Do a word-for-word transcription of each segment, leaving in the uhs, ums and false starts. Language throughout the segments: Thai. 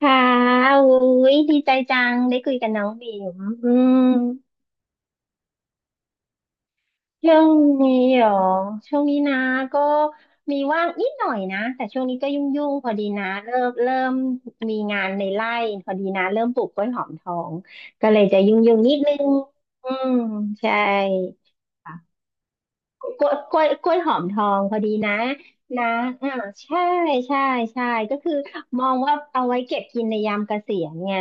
ค่ะอุ้ยดีใจจังได้คุยกับน้องบิ๋มอืม ช่วงนี้เหรอ ช่วงนี้นะก็มีว่างนิดหน่อยนะ แต่ช่วงนี้ก็ยุ่งๆพอดีนะเริ่มเริ่มมีงานในไร่พอดีนะ เริ่มปลูกกล้วยหอมทอง ก็เลยจะยุ่งๆนิดนึงอืม ใช่ กล้วยกล้วยกล้วยหอมทองพอดีนะนะอ่าใช่ใช่ใช่ก็คือมองว่าเอาไว้เก็บกินในยามเกษียณไง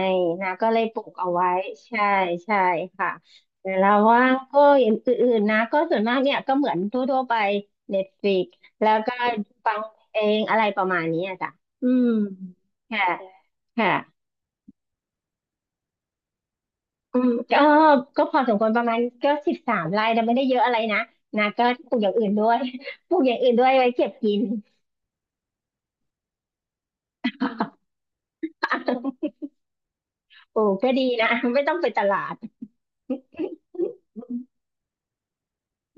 นะก็เลยปลูกเอาไว้ใช่ใช่ค่ะแล้วว่างก็อย่างอื่นๆนะก็ส่วนมากเนี่ยก็เหมือนทั่วๆไปเน t f l i ิกแล้วก็ฟังเองอะไรประมาณนี้อะจ้ะอืมค่ะค่ะอืมก็ก็พอสมควรประมาณก็สิบสามไร่แต่ไม่ได้เยอะอะไรนะนะก็ปลูกอย่างอื่นด้วย ปลูกอย่างอื่นด้วยไว้เก็บกิน โอ้ก็ดีนะไม่ต้องไปตลาด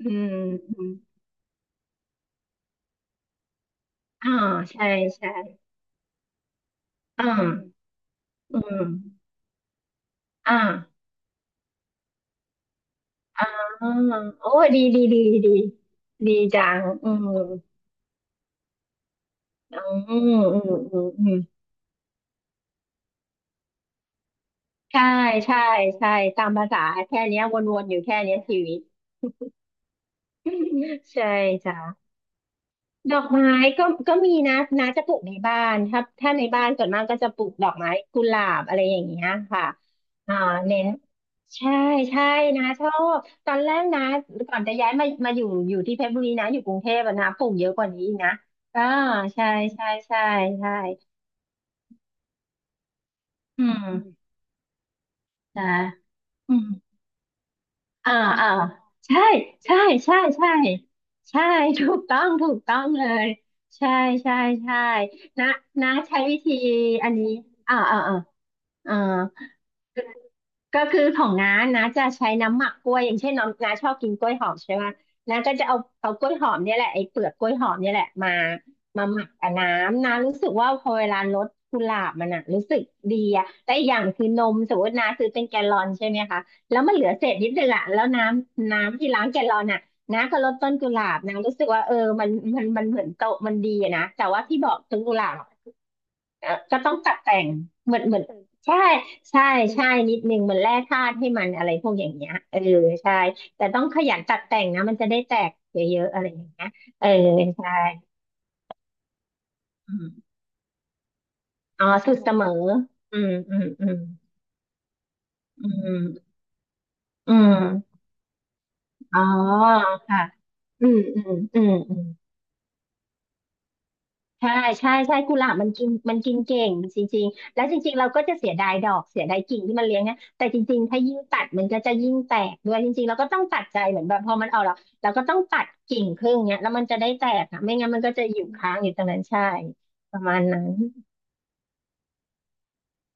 อืมอมอ่าใช่ใช่อ่าอืมอ่าอ่าโอ้ดีดีดีดีดีจังอืมอืมอืมอืมอืมใช่ใช่ใช่ตามภาษาแค่เนี้ยวนๆอยู่แค่เนี้ยชีวิต ใช่จ้ะ ดอกไม้ก็ก็มีนะน้าจะปลูกในบ้านถ้าถ้าในบ้านส่วนมากก็จะปลูกดอกไม้กุหลาบอะไรอย่างเงี้ยค่ะอ่าเน้นใช่ใช่นะชอบตอนแรกนะก่อนจะย้ายมามาอยู่อยู่ที่เพชรบุรีนะอยู่กรุงเทพอะนะปลูกเยอะกว่านี้อีกนะอ่าใช่ใช่ใช่ใช่อืมนะอืม อ่าอ่าใช่ใช่ใช่ใช่ใช่ถูกต้องถูกต้องเลยใช่ใช่ใช่นะนะใช้วิธีอันนี้อ่าอ่าอ่าอ่า ก็คือของน้าน้าจะใช้น้ำหมักกล้วยอย่างเช่นน้องน้าชอบกินกล้วยหอมใช่ไหมน้าก็จะเอาเอากล้วยหอมเนี่ยแหละไอ้เปลือกกล้วยหอมเนี่ยแหละมามาหมักกับน้ำน้ารู้สึกว่าพอเวลารดกุหลาบมันอะรู้สึกดีอะแต่อีกอย่างคือนมสมมติน้าซื้อเป็นแกลลอนใช่ไหมคะแล้วมันเหลือเศษนิดนึงอะแล้วน้ำน้ำที่ล้างแกลลอนอะน้าก็รดต้นกุหลาบน้ารู้สึกว่าเออมันมันมันเหมือนโตะมันดีอะนะแต่ว่าที่บอกต้นกุหลาบ เอ่อก็ต้องตัดแต่ง เหมือนเหมือนใช่ใช่ใช่นิดนึงเหมือนแร่ธาตุให้มันอะไรพวกอย่างเงี้ยเออใช่แต่ต้องขยันตัดแต่งนะมันจะได้แตกเยอะๆอะไรอย่างเงี้ยเออใช่อืมอ๋อสุดเสมออืมอืมอืมอืมอืมอ๋อค่ะอืมอืมอืมอืม ใช่ใช่ใช่กุหลาบมันกินมันกินเก่งจริงๆแล้วจริงๆเราก็จะเสียดายดอกเสียดายกิ่งที่มันเลี้ยงนะแต่จริงๆถ้ายิ่งตัดมันก็จะยิ่งแตกด้วยจริงๆเราก็ต้องตัดใจเหมือนแบบพอมันออกแล้วเราก็ต้องตัดกิ่งครึ่งเนี้ยแล้วมันจะได้แตกอะไม่งั้นมันก็จะอยู่ค้างอยู่ตรงนั้นใช่ประมาณนั้น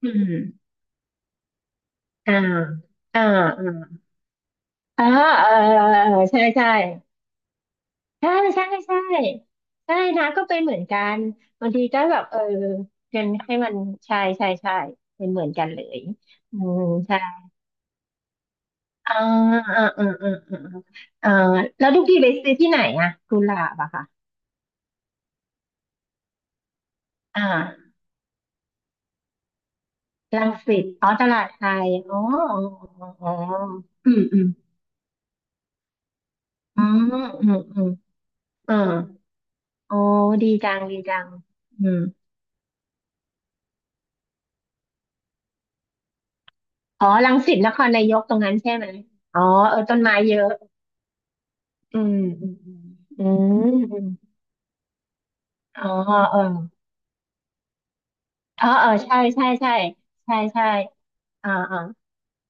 อืมอ่าอ่าอ่าอ่าเออเออเออใช่ใช่ ใช่ใช่ใช่ใช่นะก็เป็นเหมือนกันบางทีก็แบบเออเงินให้มันใช่ใช่ใช่เป็นเหมือนกันเลยอืมใช่อ่าอ่าอ่าอ่าอ่าอ่าแล้วทุกทีไปซื้อที่ไหนอะกุหลาบอะค่ะอ่ารังสิตอ๋อตลาดไทยอ๋ออ๋ออ๋ออืมอืมอืมอืมอืมอ่าโอ้ดีจังดีจังอืมอ๋อรังสิตนครนายกตรงนั้นใช่ไหมอ๋อเออต้นไม้เยอะ อืมอืมอืมอืมอ๋อเออเออเออใช่ใช่ใช่ใช่ใช่อ่าอ่า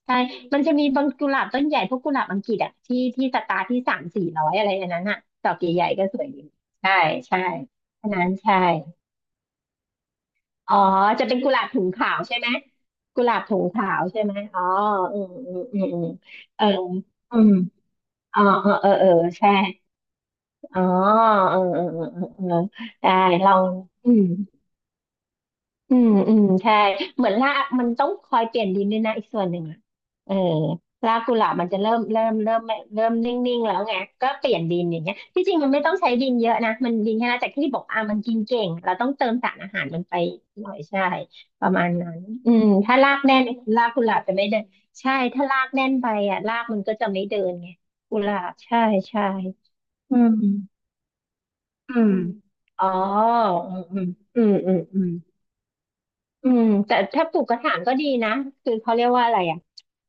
ใช่มันจะมีบางกุหลาบต้นใหญ่พวกกุหลาบอังกฤษอ่ะที่ที่สตาร์ทที่สามสี่ร้อยอะไรอันนั้นอ่ะดอกใหญ่ๆก็สวยดีใช่ใช่อันนั้นใช่อ๋อจะเป็นกุหลาบถุงขาวใช่ไหมกุหลาบถุงขาวใช่ไหมอ๋ออืมอืมอืมอืมเอออืมอ๋อเออเออเออใช่อ๋อเออเออเออเออได้ลองอืม อืมอืมใช่เหมือนรากมันต้องคอยเปลี่ยนดินด้วยนะอีกส่วนหนึ่งอะเออรากกุหลาบมันจะเริ่มเริ่มเริ่มม่เริ่มนิ่งๆแล้วไงก็เปลี่ยนดินอย่างเงี้ยที่จริงมันไม่ต้องใช้ดินเยอะนะมันดินแค่นั้นแต่ที่บอกอ่ะมันกินเก่งเราต้องเติมสารอาหารมันไปหน่อยใช่ประมาณนั้นอืมถ้ารากแน่นรากกุหลาบจะไม่เดินใช่ถ้ารากแน่นไปอ่ะรากมันก็จะไม่เดินไงกุหลาบใช่ใช่อืมอืมอ๋ออืมอืมอืมอืม อืมแต่ถ้าปลูกกระถางก็ดีนะคือเขาเรียกว่าอะไรอ่ะ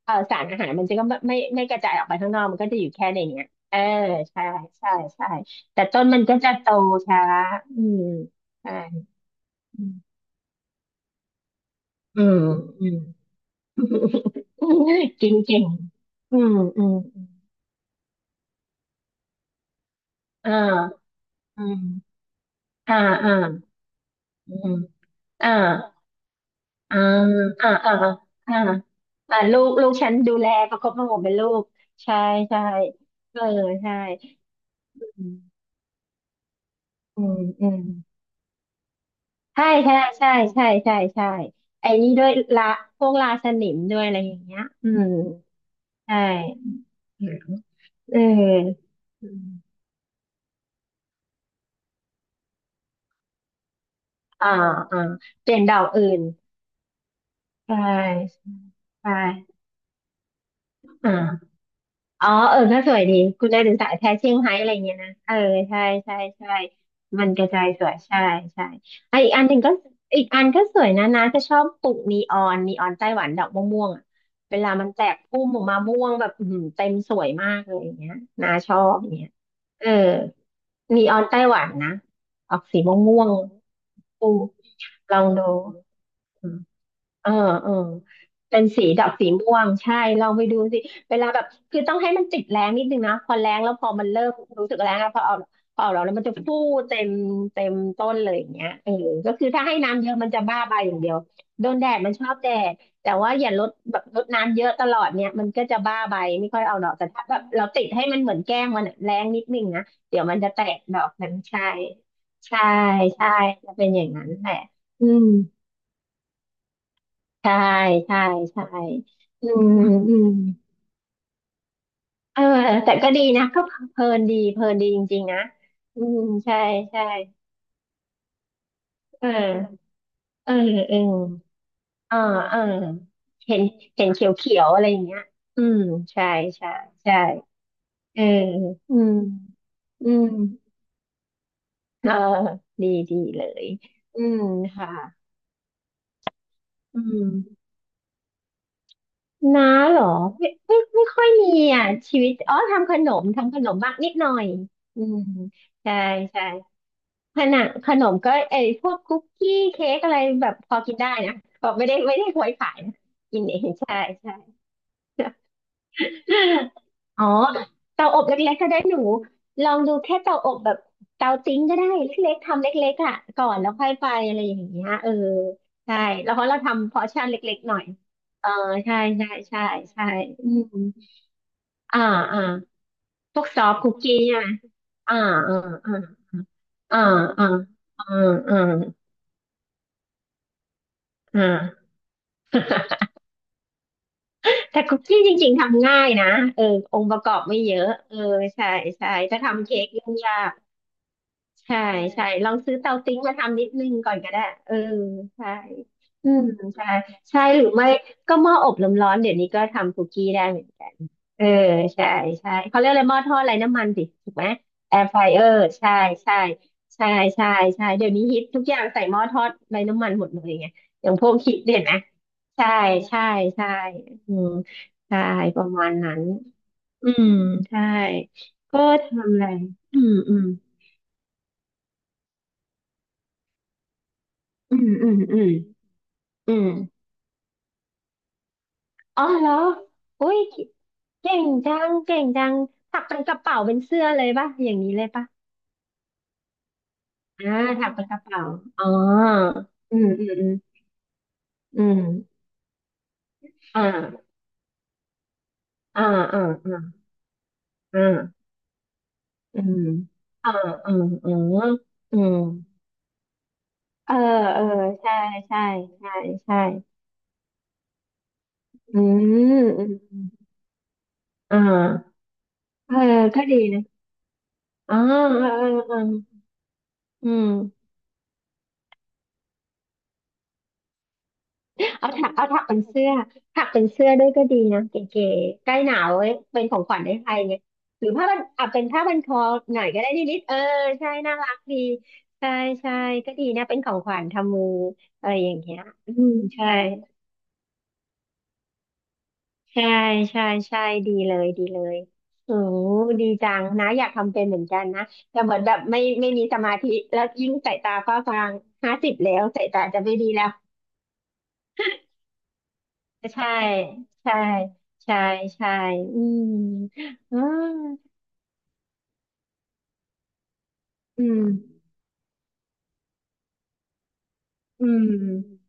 เออสารอาหารมันจะก็ไม่ไม่ไม่กระจายออกไปข้างนอกมันก็จะอยู่แค่ในเนี้ยเออใช่ใช่ใช่แต่ต้นมันก็จะโตช้าอืมใช่อืมอืมอืม จริงจริงอืมอืมอ่าอืมอ่าอ่าอืมอ่าอ่าอ่าอ่าอ่าอ่าลูกลูกฉันดูแลประคบประหงมเป็นลูกใช่ใช่เออใช่ อืมอืมใช่ใช่ใช่ใช่ใช่ใช่ไอ้นี่ด้วยละพวกราสนิมด้วยอะไรอย่างเงี้ยอืมใช่อืมเอออืมอ่าอ่าเปลี่ยนดอกอื่นใช่ใช่อ่า อ๋อเออก็สวยดีคุณได้ถึงสายแท้เชียงไฮ้อะไรเงี้ยนะเออใช่ใช่ใช่มันกระจายสวยใช่ใช่ไอะอีกอันหนึ่งก็อีกอันก็สวยนะนะจะชอบปลูกนีออนนีออนไต้หวันดอกม่วงๆอ่ะเวลามันแตกพุ่มออกมาม่วงแบบอื้อหือเต็มสวยมากเลยอย่างเงี้ยนาชอบอย่างเงี้ยเออนีออนไต้หวันนะออกสีม่วงๆปลูกลองดู เออเออเป็นสีดอกสีม่วงใช่ลองไปดูสิเวลาแบบคือต้องให้มันติดแรงนิดนึงนะพอแรงแล้วพอมันเริ่มรู้สึกแรงแล้วพอเอาพอเอาแล้วมันจะฟูเต็มเต็มต้นเลยอย่างเงี้ยเออก็คือถ้าให้น้ำเยอะมันจะบ้าใบอย่างเดียวโดนแดดมันชอบแดดแต่ว่าอย่าลดแบบลดน้ำเยอะตลอดเนี่ยมันก็จะบ้าใบไม่ค่อยเอาดอกแต่ถ้าแบบเราติดให้มันเหมือนแกล้งมันอะแรงนิดนึงนะเดี๋ยวมันจะแตกดอกมันใช่ใช่ใช่จะเป็นอย่างนั้นแหละอืม ใช่ใช่ใช่ อืมอืมเออแต่ก็ดีนะก็เพลินดีเพลินดีจริงๆนะอืมใช่ใช่เออเออเออเออเออเห็นเห็นเขียวเขียวอะไรอย่างเงี้ยอืมใช่ใช่ใช่เอออืมอืมเออดีดีเลยอืมค่ะอืม น้าเหรอไม่ไม่ไม่ค่อยมีอ่ะชีวิตอ๋อทำขนมทำขนมบ้างนิดหน่อยอืมใช่ใช่ขนมขนมก็ไอ้พวกคุกกี้เค้กอะไรแบบพอกินได้นะก็ไม่ได้ไม่ได้ควยขายนะกินเองใช่ใช่ อ๋อเตาอบเล็กๆก็ได้หนูลองดูแค่เตาอบแบบเตาติ้งก็ได้เล็กๆทำเล็กๆอ่ะก่อนแล้วค่อยไปอะไรอย่างเงี้ยเออใช่แล้วเพราะเราทำพอร์ชั่นเล็กๆหน่อยเออใช่ใช่ใช่ใช่อืม อ่าอ่าพวกซอฟต์คุกกี้ใช่ไหมอ่าอ่าอ่าอ่าอ่าอ่าอ่าอ่า แต่คุกกี้จริงๆทำง่ายนะเออองค์ประกอบไม่เยอะเออใช่ใช่ถ้าทำเค้กยุ่งยาก ใช่ใช่ลองซื้อเตาติ้งมาทำนิดนึงก่อนก็ได้เออใช่อืมใช่ใช่หรือไม่ก็หม้ออบลมร้อนเดี๋ยวนี้ก็ทำคุกกี้ได้เหมือนกันเออใช่ใช่เขาเรียกอะไรหม้อทอดไร้น้ำมันสิถูกไหมแอร์ไฟเออร์ใช่ใช่ใช่ใช่ใช่เดี๋ยวนี้ฮิตทุกอย่างใส่หม้อทอดไร้น้ำมันหมดเลยไงอย่างพวกคิดเห็นไหมใช่ใช่ใช่อืมใช่ประมาณนั้นอืมใช่ก็ทำอะไรอืมอืม อืมอืมอืมอืมอ๋อแล้วอุ้ยเก่งจังเก่งจังถักเป็นกระเป๋าเป็นเสื้อเลยป่ะอย่างนี้เลยป่ะอ่าถักเป็นกระเป๋าอ๋ออืมอืมอืมอืมอ่าอ่าอ่าอ่าอ่าอืมอ่าอ่าอ่าอืมเออเออใช่ใช่ใช่ใช่อืมอืมอมอ่าเออก็ดีนะอ๋อเออเออเอออืม เอาถักเอาถักเป็นเสื้อถักเป็นเสื้อด้วยก็ดีนะเก๋ๆใกล้หนาวเว้ยเป็นของขวัญให้ใครไงหรือผ้าบันอ่ะเป็นผ้าบันคอหน่อยก็ได้นิดๆเออใช่น่ารักดีใช่ใช่ก็ดีนะเป็นของขวัญทำมืออะไรอย่างเงี้ยอืมใช่ใช่ใช่ใช่ดีเลยดีเลยโอ้ดีจังนะอยากทำเป็นเหมือนกันนะแต่เหมือนแบบไม่ไม่มีสมาธิแล้วยิ่งสายตาฟ้าฟางห้าสิบแล้วสายตาจะไม่ดีแล้ว ใช่ใช่ใช่ใช่อืมอ่าอืมอืม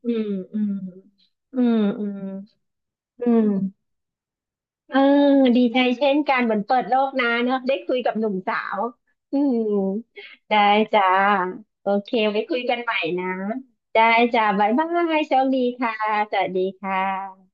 อืมอืมอืมอืมอืมเออดีใจเช่นกันเหมือนเปิดโลกนะเนอะได้คุยกับหนุ่มสาวอืมได้จ้าโอเคไว้คุยกันใหม่นะ ได้จ้าบ๊ายบายโชคดีค่ะสวัสดีค่ะ